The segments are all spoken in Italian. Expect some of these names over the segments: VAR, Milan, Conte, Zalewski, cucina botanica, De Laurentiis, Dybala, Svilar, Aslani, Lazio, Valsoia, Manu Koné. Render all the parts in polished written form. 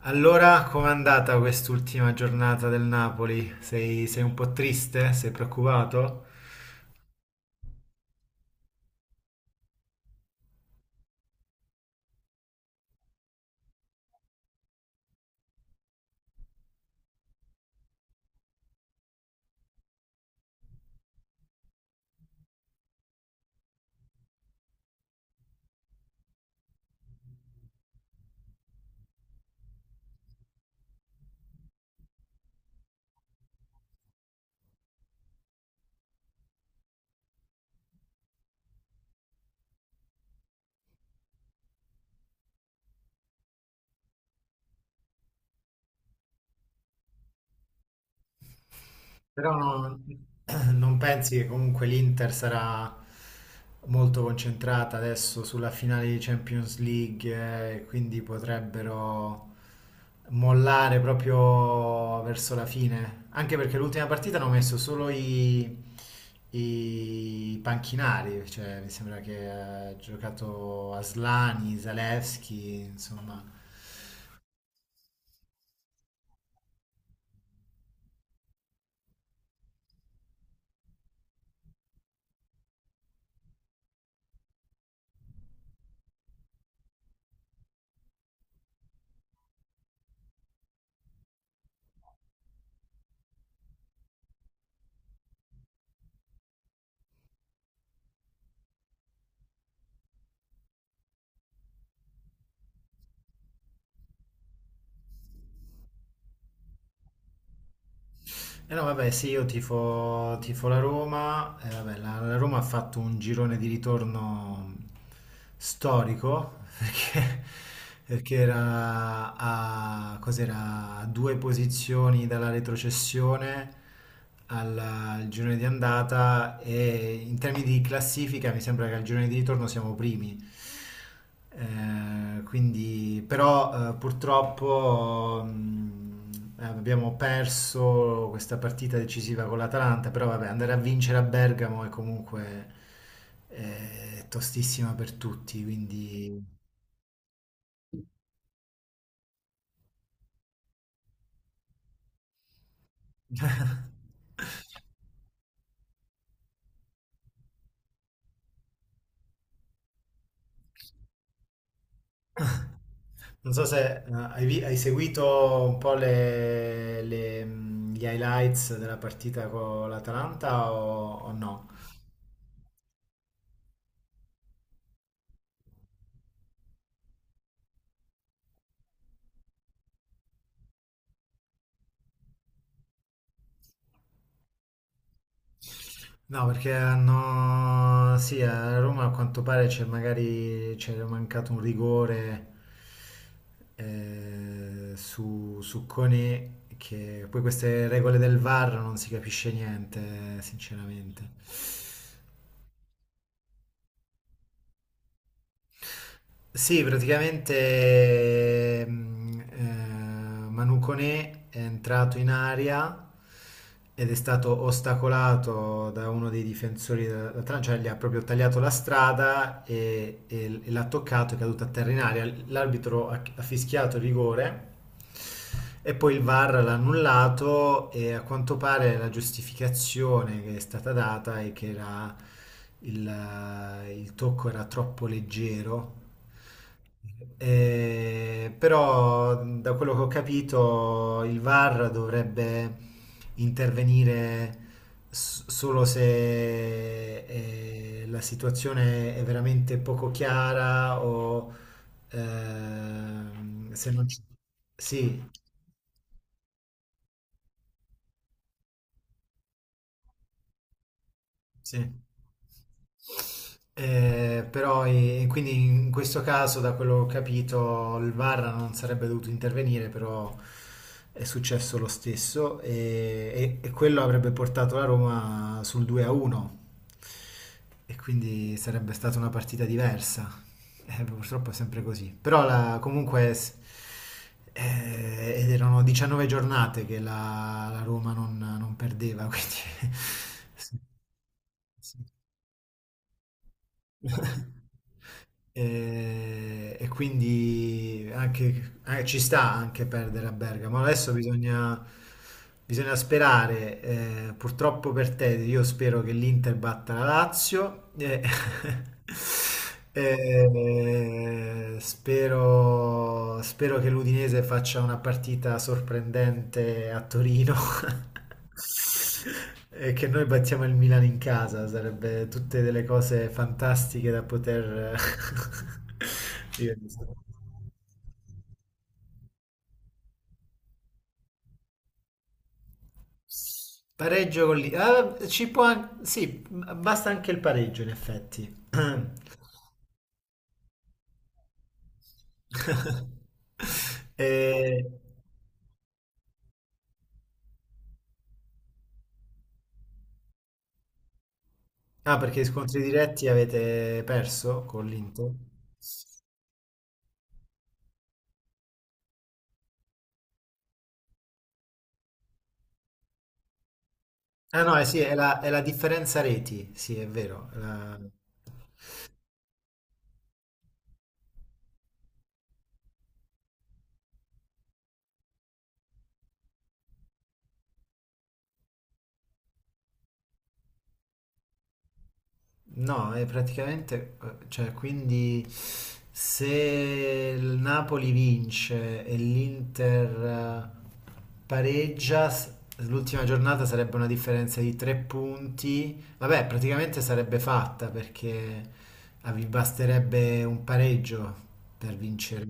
Allora, com'è andata quest'ultima giornata del Napoli? Sei un po' triste? Sei preoccupato? Però no, non, Non pensi che comunque l'Inter sarà molto concentrata adesso sulla finale di Champions League, quindi potrebbero mollare proprio verso la fine? Anche perché l'ultima partita hanno messo solo i panchinari, cioè mi sembra che ha giocato Aslani, Zalewski, insomma. No, vabbè, sì, io tifo, tifo la Roma. Eh, vabbè, la Roma ha fatto un girone di ritorno storico perché era a, cos'era, a due posizioni dalla retrocessione al girone di andata e in termini di classifica mi sembra che al girone di ritorno siamo primi. Quindi, però Purtroppo abbiamo perso questa partita decisiva con l'Atalanta, però vabbè, andare a vincere a Bergamo è comunque tostissima per tutti, quindi... Non so se hai seguito un po' gli highlights della partita con l'Atalanta o no? No, perché hanno... Sì, a Roma a quanto pare c'era mancato un rigore, su Koné, che poi queste regole del VAR non si capisce niente, sinceramente. Sì, praticamente Manu Koné è entrato in aria ed è stato ostacolato da uno dei difensori dell'Atalanta, cioè gli ha proprio tagliato la strada e, e l'ha toccato, è caduto a terra in aria. L'arbitro ha fischiato il rigore e poi il VAR l'ha annullato e a quanto pare la giustificazione che è stata data è che era il, il tocco era troppo leggero. Eh, però da quello che ho capito il VAR dovrebbe intervenire solo se la situazione è veramente poco chiara o se non ci... Sì. Sì. E quindi in questo caso, da quello che ho capito, il VAR non sarebbe dovuto intervenire, però è successo lo stesso e, e quello avrebbe portato la Roma sul 2-1 e quindi sarebbe stata una partita diversa. Purtroppo è sempre così. Però la- comunque, s- Ed erano 19 giornate che la Roma non perdeva, quindi... sì. Sì. E, e quindi anche, ci sta anche perdere a Bergamo. Adesso bisogna, bisogna sperare, purtroppo per te, io spero che l'Inter batta la Lazio, e spero, spero che l'Udinese faccia una partita sorprendente a Torino. E che noi battiamo il Milan in casa, sarebbe tutte delle cose fantastiche da poter dire. Pareggio con lì. Ah, sì, basta anche il pareggio in effetti. Eh, ah, perché scontri diretti avete perso con l'Inter? Ah no, eh sì, è la differenza reti, sì, è vero. No, è praticamente, cioè, quindi se il Napoli vince e l'Inter eh, pareggia, l'ultima giornata sarebbe una differenza di 3 punti. Vabbè, praticamente sarebbe fatta perché ah, vi basterebbe un pareggio per vincere.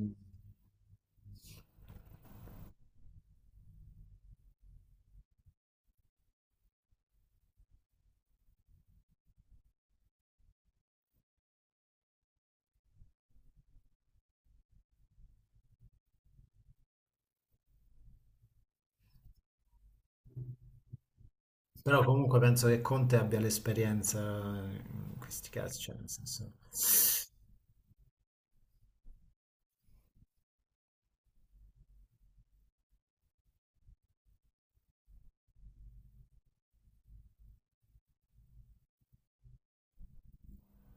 Però comunque penso che Conte abbia l'esperienza in questi casi, cioè, nel senso...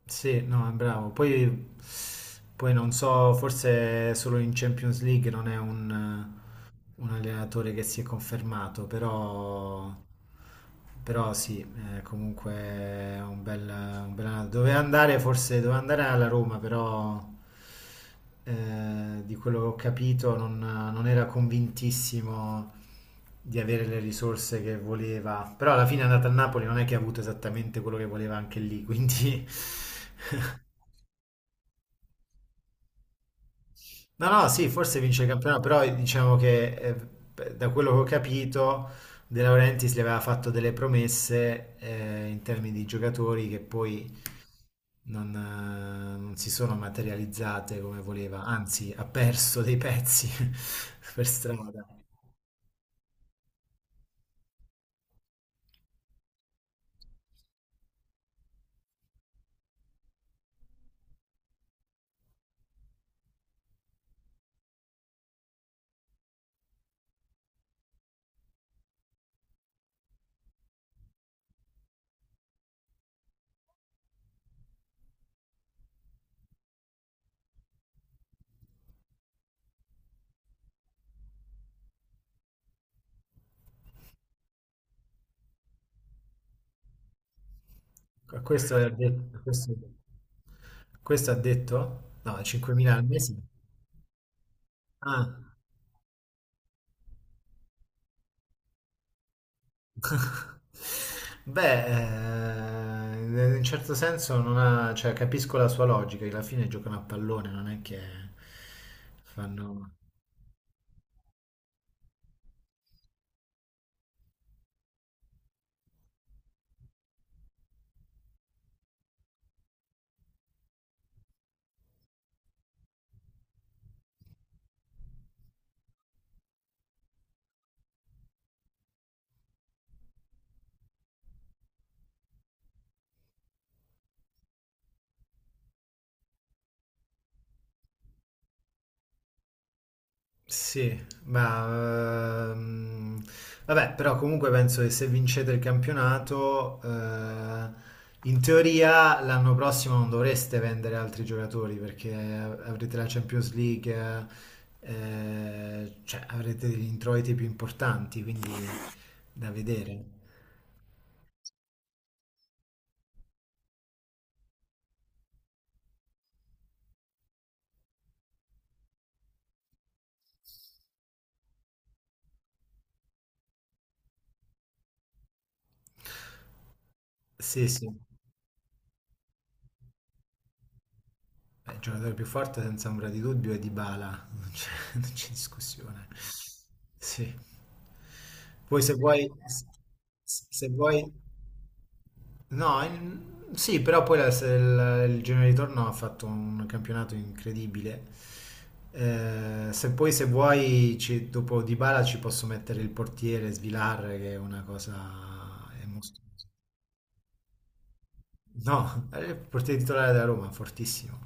Sì, no, è bravo. Poi non so, forse solo in Champions League non è un allenatore che si è confermato, però, però sì, è un un bel allenatore. Forse doveva andare alla Roma, però di quello che ho capito non era convintissimo di avere le risorse che voleva. Però alla fine è andata a Napoli, non è che ha avuto esattamente quello che voleva anche lì, quindi... No, no, sì, forse vince il campionato, però diciamo che da quello che ho capito, De Laurentiis gli aveva fatto delle promesse in termini di giocatori che poi non si sono materializzate come voleva, anzi ha perso dei pezzi per strada. Questo ha detto, questo ha detto? No, 5.000 al mese? Ah. Beh, in un certo senso non ha, cioè, capisco la sua logica, che alla fine giocano a pallone, non è che fanno... Sì, ma vabbè, però comunque penso che se vincete il campionato, in teoria l'anno prossimo non dovreste vendere altri giocatori perché avrete la Champions League, cioè avrete degli introiti più importanti, quindi da vedere. Sì, sì. Beh, il giocatore più forte senza ombra di dubbio è Dybala, non c'è non c'è discussione. Sì. Poi se vuoi, se vuoi, no, in- sì, però poi se il girone di ritorno ha fatto un campionato incredibile. Se poi se vuoi, ci, dopo Dybala ci posso mettere il portiere Svilar, che è una cosa... È mostruosa. No, è il portiere titolare della Roma, fortissimo.